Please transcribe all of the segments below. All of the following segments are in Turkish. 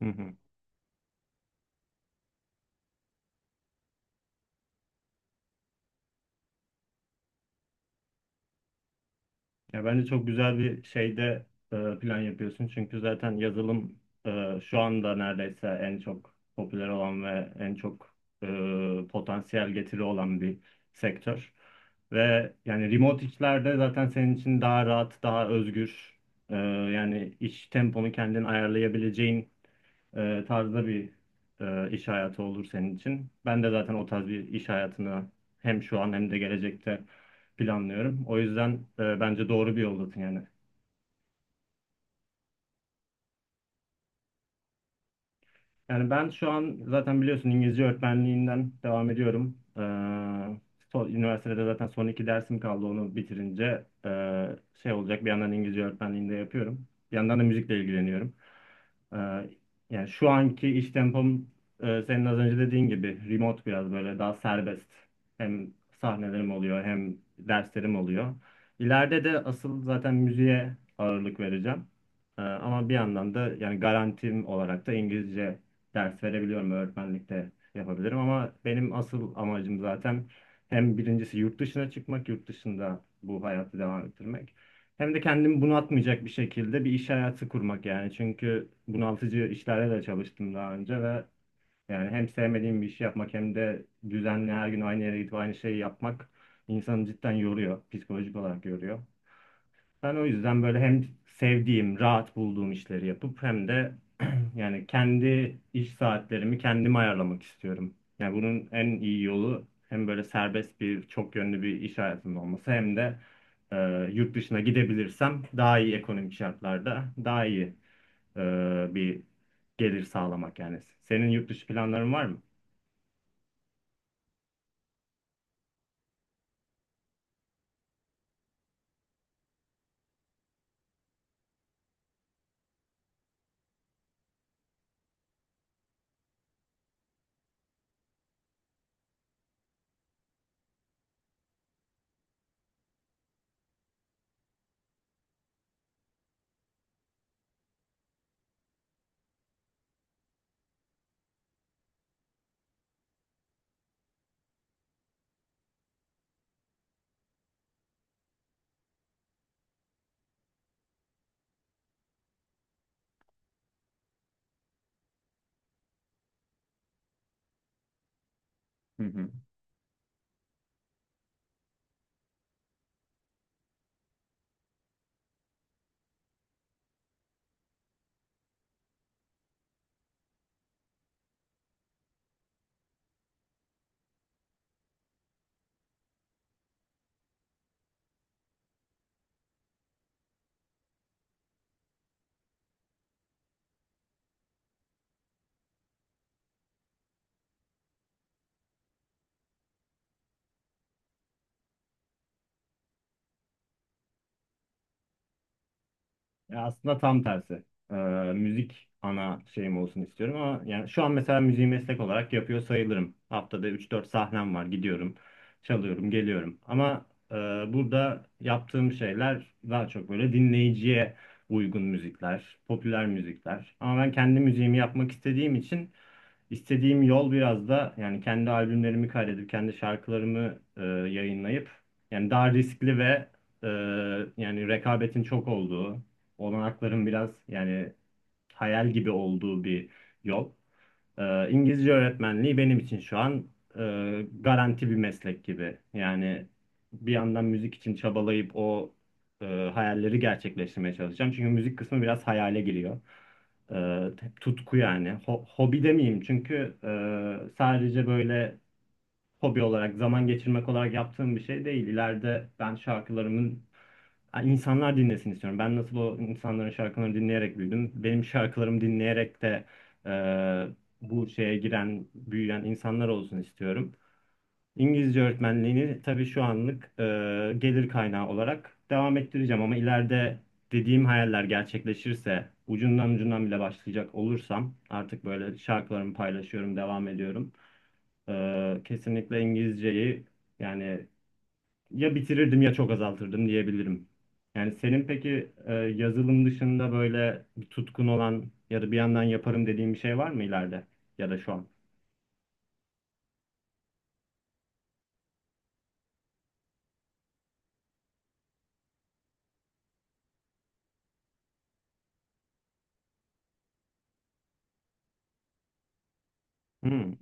Hı hı. Ya bence çok güzel bir şeyde plan yapıyorsun. Çünkü zaten yazılım şu anda neredeyse en çok popüler olan ve en çok potansiyel getiri olan bir sektör. Ve yani remote işlerde zaten senin için daha rahat, daha özgür. e, Yani iş temponu kendin ayarlayabileceğin tarzda bir iş hayatı olur senin için. Ben de zaten o tarz bir iş hayatını hem şu an hem de gelecekte planlıyorum. O yüzden bence doğru bir yoldasın yani. Yani ben şu an zaten biliyorsun İngilizce öğretmenliğinden devam ediyorum. Üniversitede zaten son iki dersim kaldı, onu bitirince şey olacak, bir yandan İngilizce öğretmenliğinde yapıyorum. Bir yandan da müzikle ilgileniyorum. Ee, Yani şu anki iş tempom senin az önce dediğin gibi remote, biraz böyle daha serbest. Hem sahnelerim oluyor hem derslerim oluyor. İleride de asıl zaten müziğe ağırlık vereceğim. Ama bir yandan da yani garantim olarak da İngilizce ders verebiliyorum, öğretmenlikte yapabilirim ama benim asıl amacım zaten hem birincisi yurt dışına çıkmak, yurt dışında bu hayatı devam ettirmek. Hem de kendimi bunaltmayacak bir şekilde bir iş hayatı kurmak yani. Çünkü bunaltıcı işlerle de çalıştım daha önce ve yani hem sevmediğim bir işi yapmak hem de düzenli her gün aynı yere gidip aynı şeyi yapmak insanı cidden yoruyor. Psikolojik olarak yoruyor. Ben o yüzden böyle hem sevdiğim, rahat bulduğum işleri yapıp hem de yani kendi iş saatlerimi kendim ayarlamak istiyorum. Yani bunun en iyi yolu hem böyle serbest bir, çok yönlü bir iş hayatımın olması hem de e, yurt dışına gidebilirsem daha iyi ekonomik şartlarda daha iyi e, bir gelir sağlamak yani. Senin yurt dışı planların var mı? Hı hı. Ya aslında tam tersi. Ee, Müzik ana şeyim olsun istiyorum ama yani şu an mesela müziği meslek olarak yapıyor sayılırım. Haftada üç dört sahnem var. Gidiyorum, çalıyorum, geliyorum. Ama e, burada yaptığım şeyler daha çok böyle dinleyiciye uygun müzikler, popüler müzikler. Ama ben kendi müziğimi yapmak istediğim için İstediğim yol biraz da yani kendi albümlerimi kaydedip kendi şarkılarımı yayınlayıp yani daha riskli ve e, yani rekabetin çok olduğu, olanakların biraz yani hayal gibi olduğu bir yol. İngilizce öğretmenliği benim için şu an garanti bir meslek gibi. Yani bir yandan müzik için çabalayıp o e, hayalleri gerçekleştirmeye çalışacağım. Çünkü müzik kısmı biraz hayale giriyor. Ee, Tutku yani. Hobi demeyeyim çünkü sadece böyle hobi olarak, zaman geçirmek olarak yaptığım bir şey değil. İleride ben şarkılarımın, yani insanlar dinlesin istiyorum. Ben nasıl o insanların şarkılarını dinleyerek büyüdüm. Benim şarkılarımı dinleyerek de e, bu şeye giren, büyüyen insanlar olsun istiyorum. İngilizce öğretmenliğini tabii şu anlık gelir kaynağı olarak devam ettireceğim ama ileride dediğim hayaller gerçekleşirse, ucundan ucundan bile başlayacak olursam artık böyle şarkılarımı paylaşıyorum, devam ediyorum. Kesinlikle İngilizceyi yani ya bitirirdim ya çok azaltırdım diyebilirim. Yani senin peki yazılım dışında böyle bir tutkun olan ya da bir yandan yaparım dediğin bir şey var mı ileride ya da şu an? Hmm.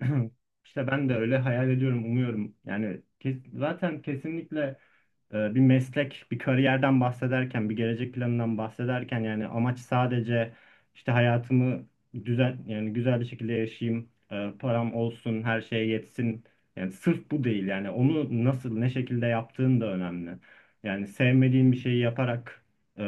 İşte ben de öyle hayal ediyorum, umuyorum. Yani zaten kesinlikle bir meslek, bir kariyerden bahsederken, bir gelecek planından bahsederken yani amaç sadece işte hayatımı düzen, yani güzel bir şekilde yaşayayım, param olsun, her şeye yetsin. Yani sırf bu değil, yani onu nasıl, ne şekilde yaptığın da önemli. Yani sevmediğin bir şeyi yaparak e,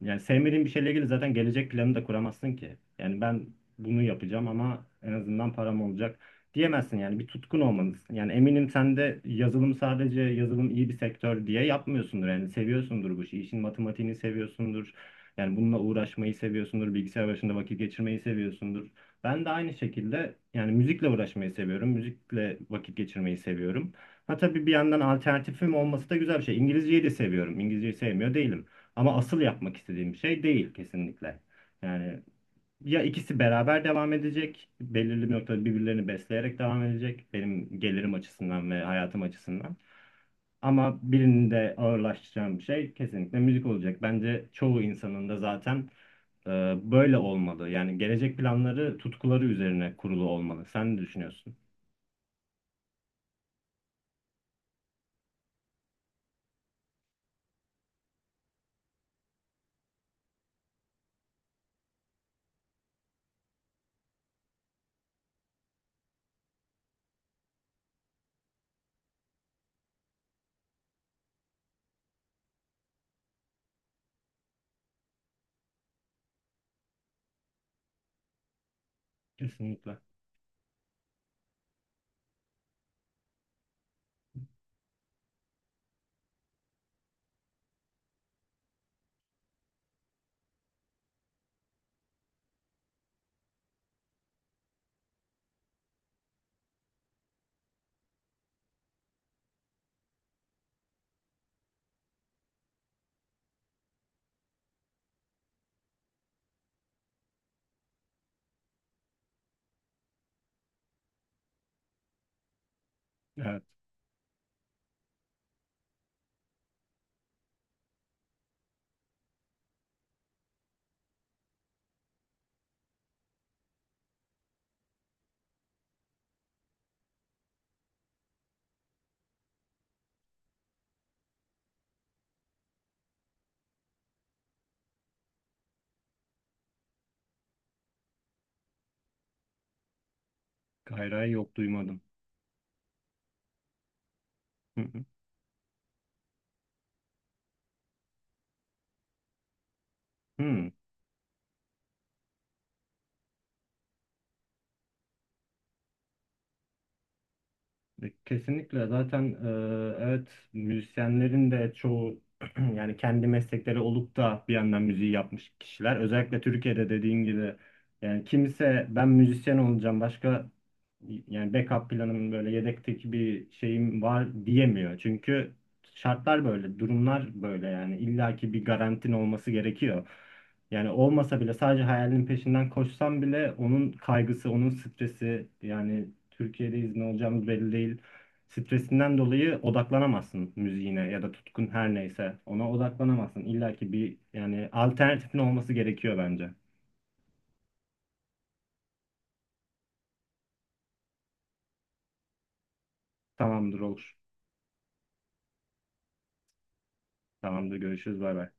yani sevmediğin bir şeyle ilgili zaten gelecek planı da kuramazsın ki. Yani ben bunu yapacağım ama en azından param olacak diyemezsin, yani bir tutkun olmalısın. Yani eminim sen de yazılım, sadece yazılım iyi bir sektör diye yapmıyorsundur. Yani seviyorsundur bu işi. İşin matematiğini seviyorsundur. Yani bununla uğraşmayı seviyorsundur. Bilgisayar başında vakit geçirmeyi seviyorsundur. Ben de aynı şekilde yani müzikle uğraşmayı seviyorum. Müzikle vakit geçirmeyi seviyorum. Ha tabii bir yandan alternatifim olması da güzel bir şey. İngilizceyi de seviyorum. İngilizceyi sevmiyor değilim. Ama asıl yapmak istediğim şey değil kesinlikle. Yani ya ikisi beraber devam edecek, belirli bir noktada birbirlerini besleyerek devam edecek, benim gelirim açısından ve hayatım açısından. Ama birinin de ağırlaştıracağım şey kesinlikle müzik olacak. Bence çoğu insanın da zaten e, böyle olmalı. Yani gelecek planları tutkuları üzerine kurulu olmalı. Sen ne düşünüyorsun? Kesinlikle. Evet. Gayrı yok, duymadım. Hı hı. Hı. Kesinlikle zaten evet, müzisyenlerin de çoğu yani kendi meslekleri olup da bir yandan müziği yapmış kişiler. Özellikle Türkiye'de dediğin gibi yani kimse ben müzisyen olacağım başka, yani backup planım böyle yedekteki bir şeyim var diyemiyor. Çünkü şartlar böyle, durumlar böyle, yani illaki bir garantin olması gerekiyor. Yani olmasa bile sadece hayalinin peşinden koşsam bile onun kaygısı, onun stresi, yani Türkiye'deyiz ne olacağımız belli değil. Stresinden dolayı odaklanamazsın müziğine ya da tutkun her neyse ona odaklanamazsın. İlla ki bir yani alternatifin olması gerekiyor bence. Tamamdır, olur. Tamamdır, görüşürüz, bay bay.